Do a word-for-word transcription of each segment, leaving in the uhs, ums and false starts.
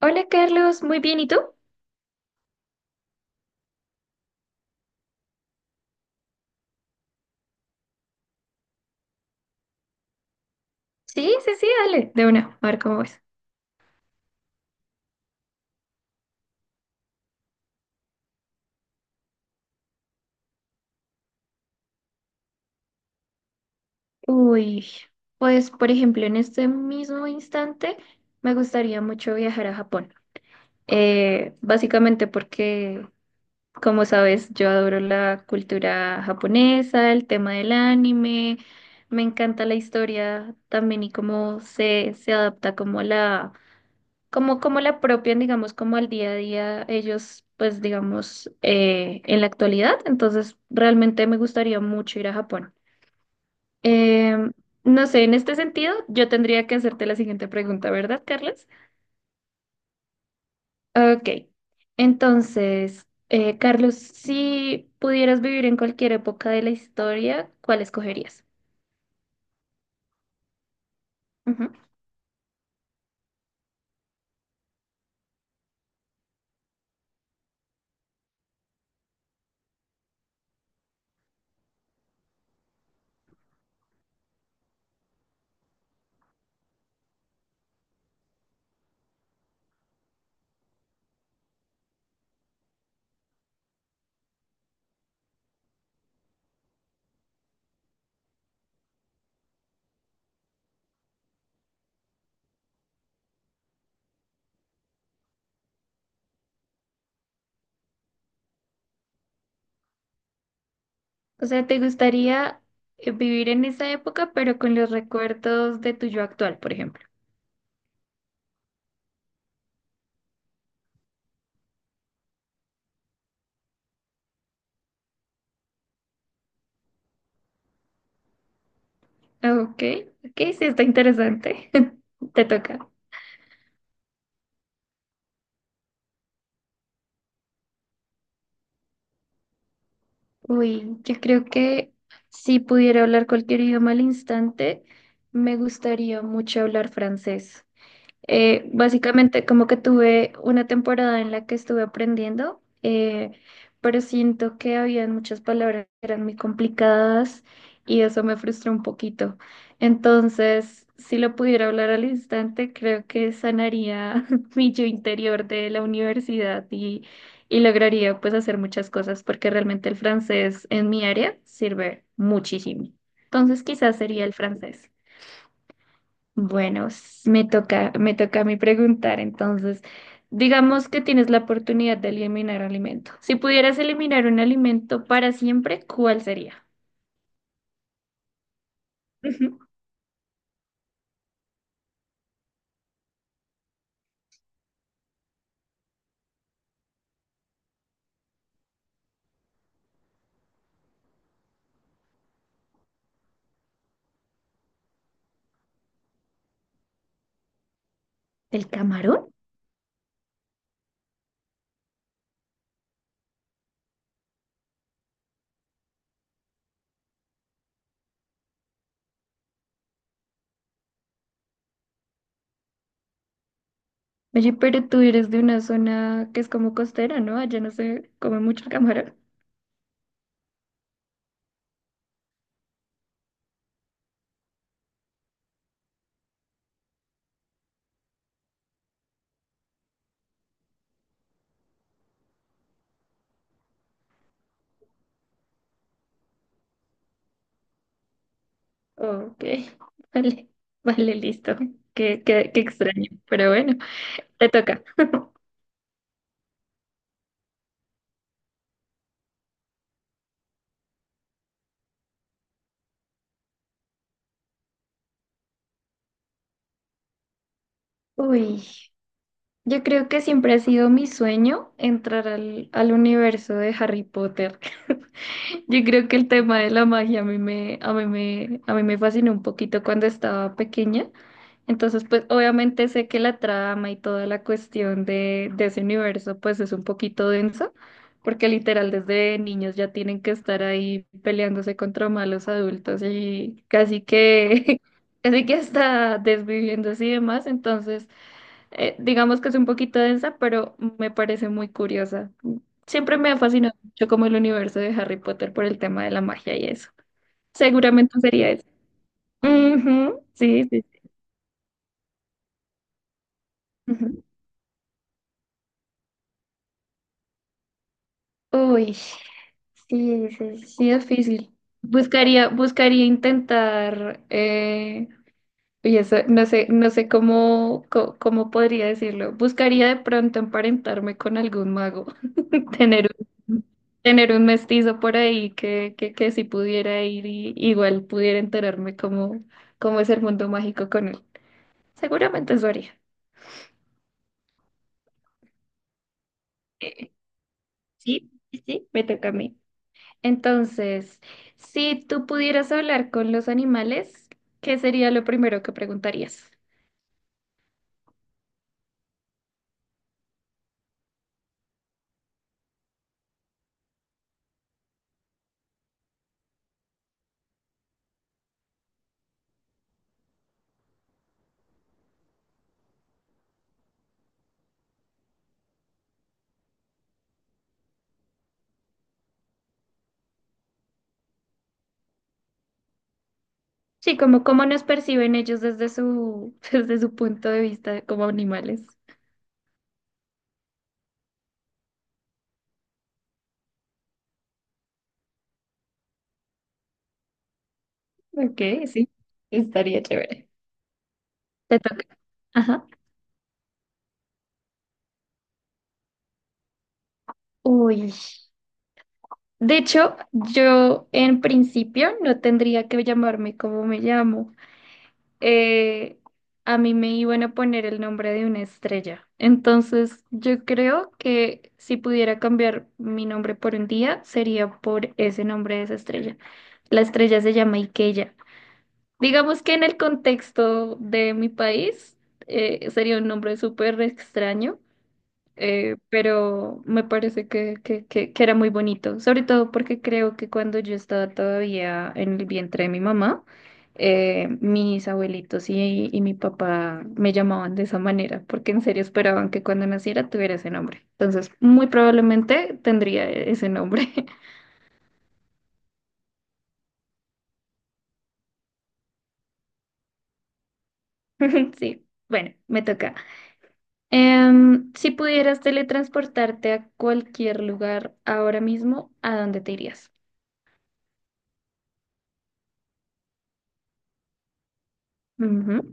Hola Carlos, muy bien, ¿y tú? Sí, sí, sí, dale, de una, a ver cómo es. Uy, pues por ejemplo, en este mismo instante me gustaría mucho viajar a Japón. Eh, básicamente porque, como sabes, yo adoro la cultura japonesa, el tema del anime, me encanta la historia también y cómo se, se adapta como a la como, como la apropian, digamos, como al día a día ellos, pues, digamos, eh, en la actualidad. Entonces, realmente me gustaría mucho ir a Japón. Em, no sé, en este sentido, yo tendría que hacerte la siguiente pregunta, ¿verdad, Carlos? Ok. Entonces, eh, Carlos, si pudieras vivir en cualquier época de la historia, ¿cuál escogerías? Ujú. O sea, ¿te gustaría eh, vivir en esa época, pero con los recuerdos de tu yo actual, por ejemplo? Ok, ok, sí, está interesante. Te toca. Uy, yo creo que si pudiera hablar cualquier idioma al instante, me gustaría mucho hablar francés. Eh, básicamente como que tuve una temporada en la que estuve aprendiendo, eh, pero siento que había muchas palabras que eran muy complicadas y eso me frustró un poquito. Entonces, si lo pudiera hablar al instante, creo que sanaría mi yo interior de la universidad y, y lograría pues hacer muchas cosas porque realmente el francés en mi área sirve muchísimo. Entonces, quizás sería el francés. Bueno, s- me toca, me toca a mí preguntar, entonces, digamos que tienes la oportunidad de eliminar alimento. Si pudieras eliminar un alimento para siempre, ¿cuál sería? Ujú. ¿El camarón? Oye, pero tú eres de una zona que es como costera, ¿no? Allá no se come mucho el camarón. Ok, vale, vale, listo. Qué, qué, qué extraño, pero bueno, te toca. Uy, yo creo que siempre ha sido mi sueño entrar al, al universo de Harry Potter. Yo creo que el tema de la magia a mí me, a mí me, a mí me fascinó un poquito cuando estaba pequeña. Entonces, pues obviamente sé que la trama y toda la cuestión de, de ese universo, pues es un poquito densa, porque literal desde niños ya tienen que estar ahí peleándose contra malos adultos y casi que, casi que hasta desviviéndose y demás. Entonces, eh, digamos que es un poquito densa, pero me parece muy curiosa. Siempre me ha fascinado mucho como el universo de Harry Potter por el tema de la magia y eso. Seguramente sería eso. Ujú, sí, sí. sí, ujú. Uy, sí, sí, sí, difícil. Buscaría, buscaría intentar, eh, y eso, no sé, no sé cómo, co- cómo podría decirlo. Buscaría de pronto emparentarme con algún mago. Tener un, tener un mestizo por ahí que, que, que si pudiera ir y igual pudiera enterarme cómo, cómo es el mundo mágico con él. Seguramente eso haría. Eh, sí, sí, me toca a mí. Entonces, si tú pudieras hablar con los animales, ¿qué sería lo primero que preguntarías? Sí, como cómo nos perciben ellos desde su, desde su punto de vista como animales. Ok, sí, estaría chévere. Te toca. Ajá. Uy. De hecho, yo en principio no tendría que llamarme como me llamo. Eh, a mí me iban a poner el nombre de una estrella. Entonces, yo creo que si pudiera cambiar mi nombre por un día, sería por ese nombre de esa estrella. La estrella se llama Ikella. Digamos que en el contexto de mi país, eh, sería un nombre súper extraño eh, pero me parece que, que, que, que era muy bonito, sobre todo porque creo que cuando yo estaba todavía en el vientre de mi mamá, eh, mis abuelitos y, y mi papá me llamaban de esa manera, porque en serio esperaban que cuando naciera tuviera ese nombre. Entonces, muy probablemente tendría e-, ese nombre. Sí, bueno, me toca. Em, si pudieras teletransportarte a cualquier lugar ahora mismo, ¿a dónde te irías? Ujú.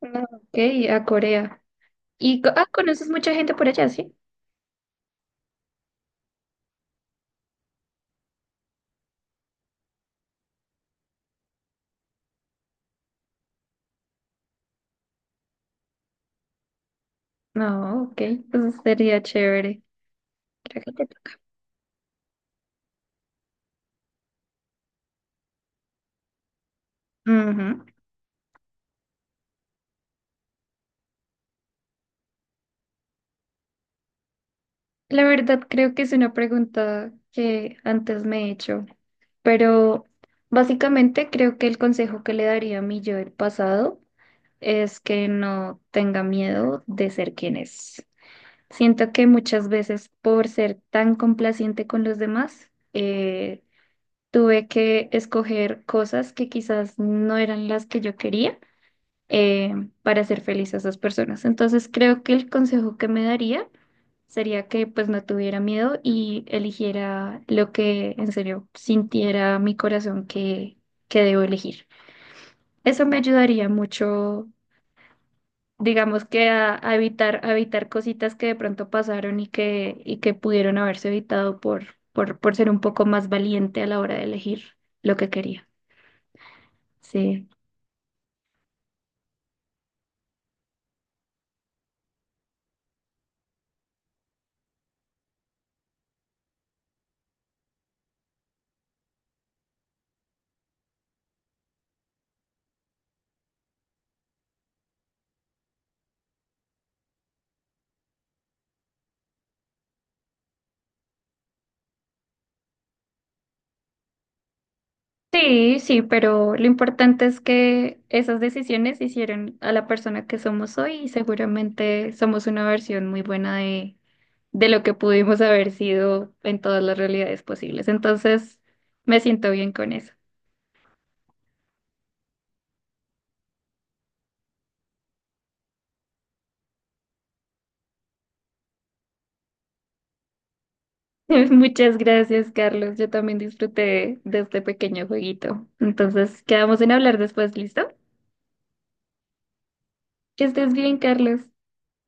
No, Ok, a Corea. Y co- ah, conoces mucha gente por allá, ¿sí? No, ok, pues sería chévere. Creo que te toca. Ujú. La verdad, creo que es una pregunta que antes me he hecho, pero básicamente creo que el consejo que le daría a mi yo del pasado es que no tenga miedo de ser quien es. Siento que muchas veces por ser tan complaciente con los demás, eh, tuve que escoger cosas que quizás no eran las que yo quería eh, para hacer feliz a esas personas. Entonces creo que el consejo que me daría sería que pues no tuviera miedo y eligiera lo que en serio sintiera mi corazón que, que debo elegir. Eso me ayudaría mucho, digamos que a, a evitar, a evitar cositas que de pronto pasaron y que, y que pudieron haberse evitado por, por, por ser un poco más valiente a la hora de elegir lo que quería. Sí. Sí, sí, pero lo importante es que esas decisiones hicieron a la persona que somos hoy y seguramente somos una versión muy buena de, de lo que pudimos haber sido en todas las realidades posibles. Entonces, me siento bien con eso. Muchas gracias, Carlos. Yo también disfruté de este pequeño jueguito. Entonces, quedamos en hablar después, ¿listo? Que estés bien, Carlos.